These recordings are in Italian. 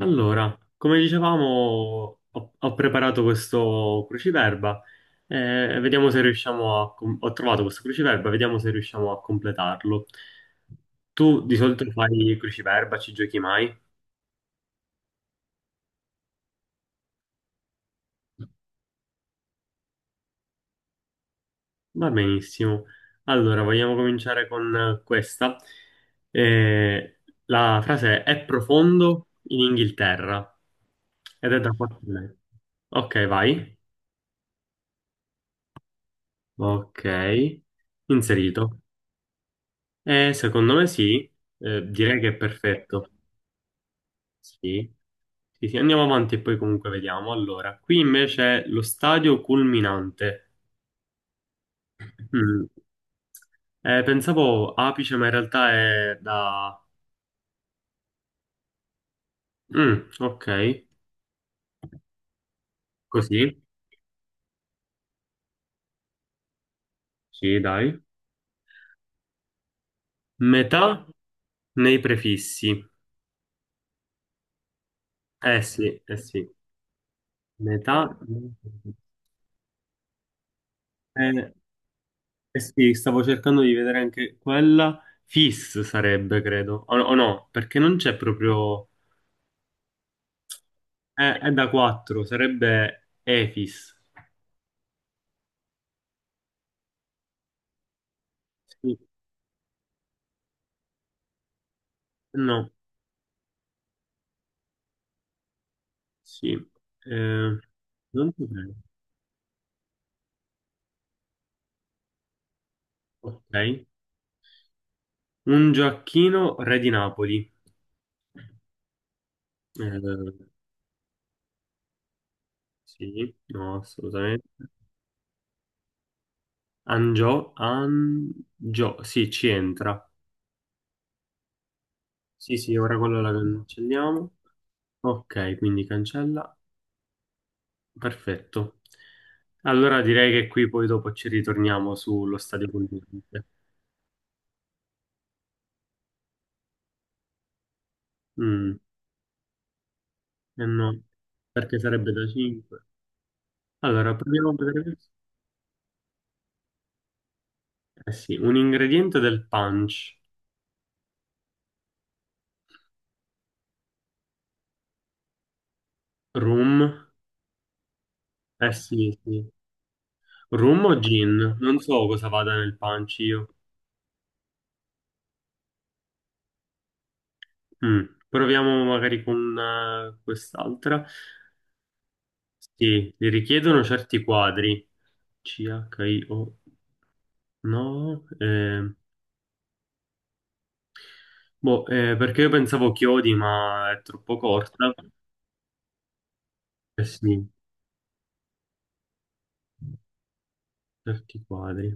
Allora, come dicevamo, ho preparato questo cruciverba e vediamo se riusciamo Ho trovato questo cruciverba, vediamo se riusciamo a completarlo. Tu di solito fai cruciverba, ci giochi mai? Va benissimo. Allora, vogliamo cominciare con questa. Eh, la frase è profondo in Inghilterra ed è da 4 lettere. Ok, vai. Ok, inserito. Secondo me sì. Direi che è perfetto. Sì. Sì, sì, andiamo avanti e poi comunque vediamo. Allora, qui invece è lo stadio culminante. Mm. Pensavo apice, ma in realtà è da... Mm, ok, così. Sì, dai. Metà nei prefissi. Eh sì, eh sì. Metà... Eh, eh sì, stavo cercando di vedere anche quella. Fis sarebbe, credo. O no, perché non c'è proprio... È da 4, sarebbe Efis. Sì, no, sì. Eh, non potrei. Ok. Un Gioacchino, re di Napoli. Eh, sì, no, assolutamente. Angio, Angio, sì, ci entra. Sì, sì, ora quello la cancelliamo. Ok, quindi cancella. Perfetto. Allora direi che qui poi dopo ci ritorniamo sullo stadio conveniente. Mm, eh no, perché sarebbe da 5. Allora, proviamo a vedere. Eh sì, un ingrediente del punch. Rum. Eh sì, sì. Rum o gin? Non so cosa vada nel punch io. Mm, Proviamo magari con quest'altra. Sì, li richiedono certi quadri. CHIO. No. Boh, perché io pensavo chiodi, ma è troppo corta. Eh sì, certi quadri.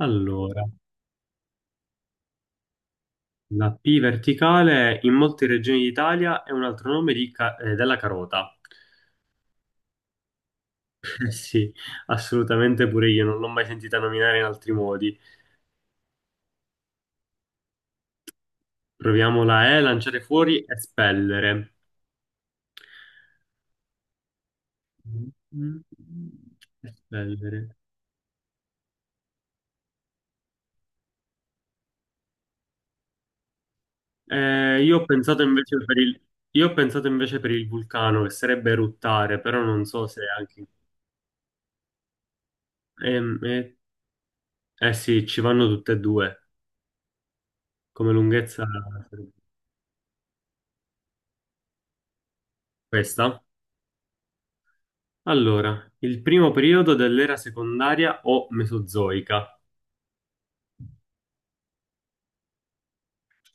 Allora. La P verticale in molte regioni d'Italia è un altro nome di della carota. Eh sì, assolutamente pure io, non l'ho mai sentita nominare in altri modi. Proviamo la E, lanciare fuori, espellere. Mm, Espellere. Eh, io ho pensato invece per il, io ho pensato invece per il vulcano, che sarebbe eruttare, però non so se anche... Ehm, eh sì, ci vanno tutte e due, come lunghezza sarebbe questa. Allora, il primo periodo dell'era secondaria o mesozoica.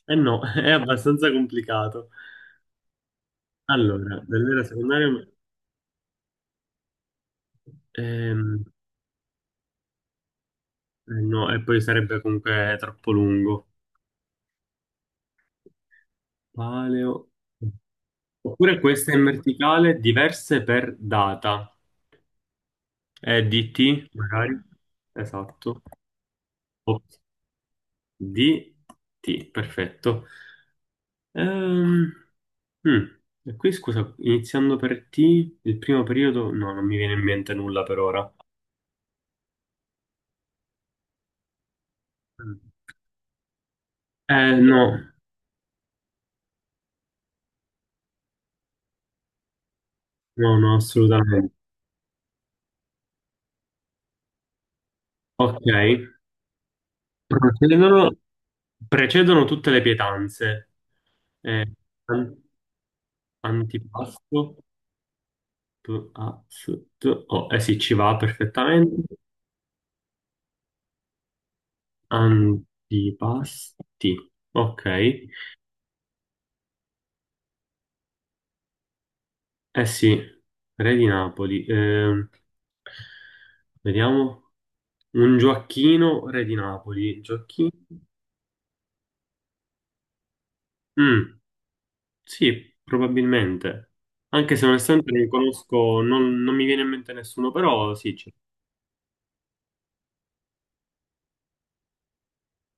Eh no, è abbastanza complicato. Allora, dell'era secondaria... ehm, eh no, e poi sarebbe comunque troppo lungo. Paleo... Oppure questa in verticale, diverse per data. DT, magari. Esatto. O- DT, perfetto. Ehm, Mm. E qui scusa, iniziando per T, il primo periodo, no, non mi viene in mente nulla per ora. Mm. No, no, no, assolutamente. Ok, precedono, precedono tutte le pietanze. Eh, an- antipasto, PASTO. Eh sì, ci va perfettamente. Antipasti, ok. Eh sì, re di Napoli. Vediamo. Un Gioacchino, re di Napoli. Gioacchino? Mm, sì, probabilmente. Anche se onestamente non conosco, non mi viene in mente nessuno, però sì. C'è.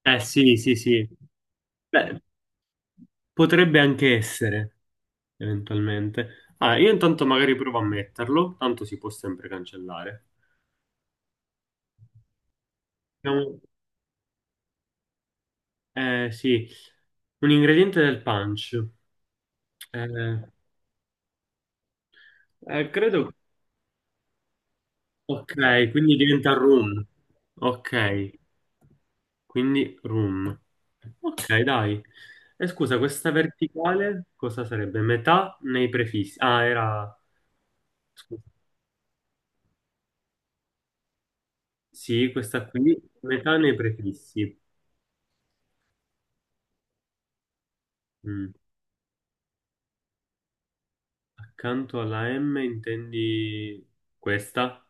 Eh sì, sì, sì. Beh, potrebbe anche essere, eventualmente. Ah, io intanto magari provo a metterlo, tanto si può sempre cancellare. Abbiamo- Eh sì, un ingrediente del punch. Eh, credo... Ok, quindi diventa rum. Ok. Quindi room. Ok, dai. E scusa, questa verticale cosa sarebbe? Metà nei prefissi. Ah, era... scusa. Sì, questa qui, metà nei prefissi. Mm. Accanto alla M intendi questa?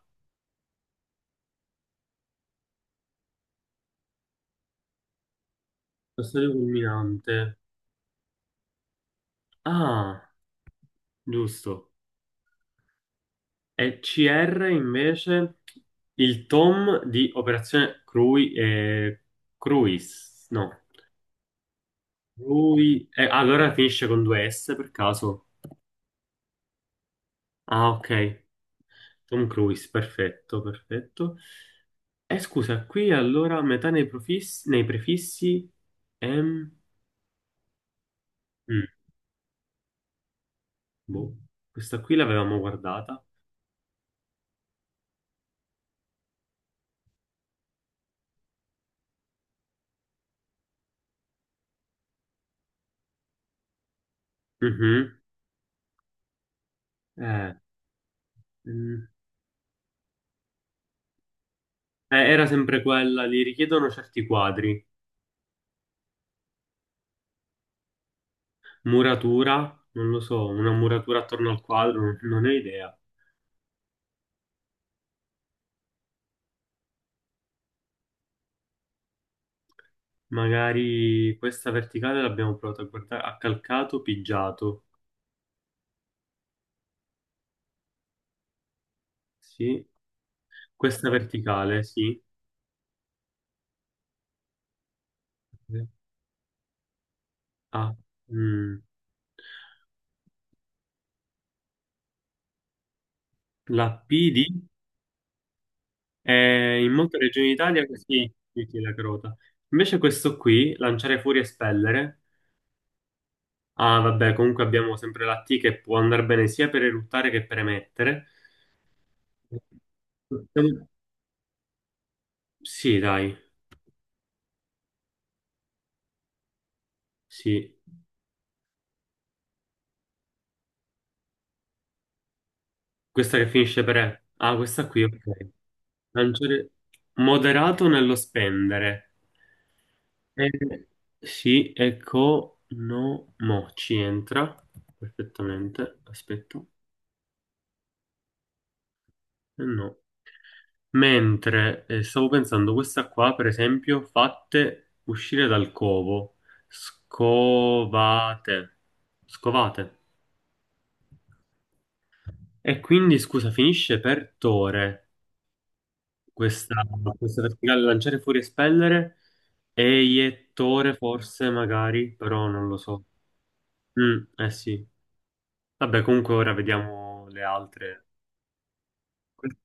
Sostanza culminante. Ah, giusto. E CR invece il tom di Operazione Cruis. No. Ah, allora finisce con due S per caso. Ah, ok. Tom Cruise, perfetto, perfetto. Scusa, qui allora metà nei profissi, nei prefissi, M... mm, boh. Questa qui l'avevamo guardata. Mhm. Eh, mm. Era sempre quella, li richiedono certi quadri. Muratura, non lo so, una muratura attorno al quadro, non ne ho idea. Magari questa verticale l'abbiamo provata a guardare. Accalcato, pigiato. Sì. Questa verticale, sì. Sì. Ah, mm. La P di in molte regioni d'Italia sì, sì, sì, la crota. Invece questo qui, lanciare fuori e spellere. Ah, vabbè, comunque abbiamo sempre la T che può andare bene sia per eruttare che per emettere. Possiamo- Sì, dai, sì. Questa che finisce per E. Ah, questa qui, ok. Lanciare moderato nello spendere. Eh, sì, ecco, no, mo ci entra perfettamente. Aspetta, eh, no. Mentre stavo pensando, questa qua, per esempio, fatte uscire dal covo, scovate, scovate. E quindi, scusa, finisce per tore questa, questa verticale, lanciare fuori, espellere, eiettore forse, magari, però non lo so. Mm, eh sì. Vabbè, comunque ora vediamo le altre. Que-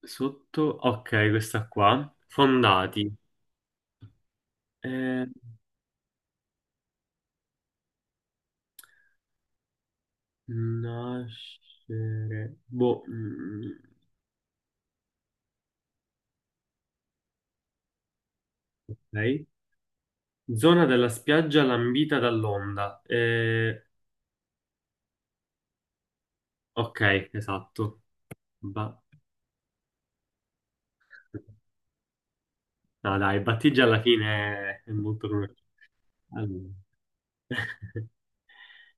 Sotto, ok, questa qua. Fondati. Eh, nascere. Boh. Mm. Ok. Zona della spiaggia lambita dall'onda. Ok, esatto. Ba- No, dai, battigia alla fine è molto conosciuto. Allora.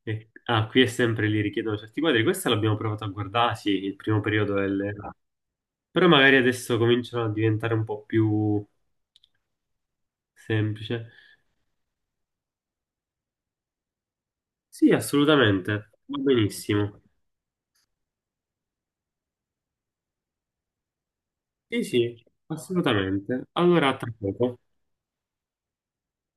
Ah, qui è sempre lì richiedono certi quadri. Questa l'abbiamo provato a guardare, sì, il primo periodo. Però magari adesso cominciano a diventare un po' più semplice. Sì, assolutamente, va benissimo. Sì, sì, assolutamente. Allora, a tra poco.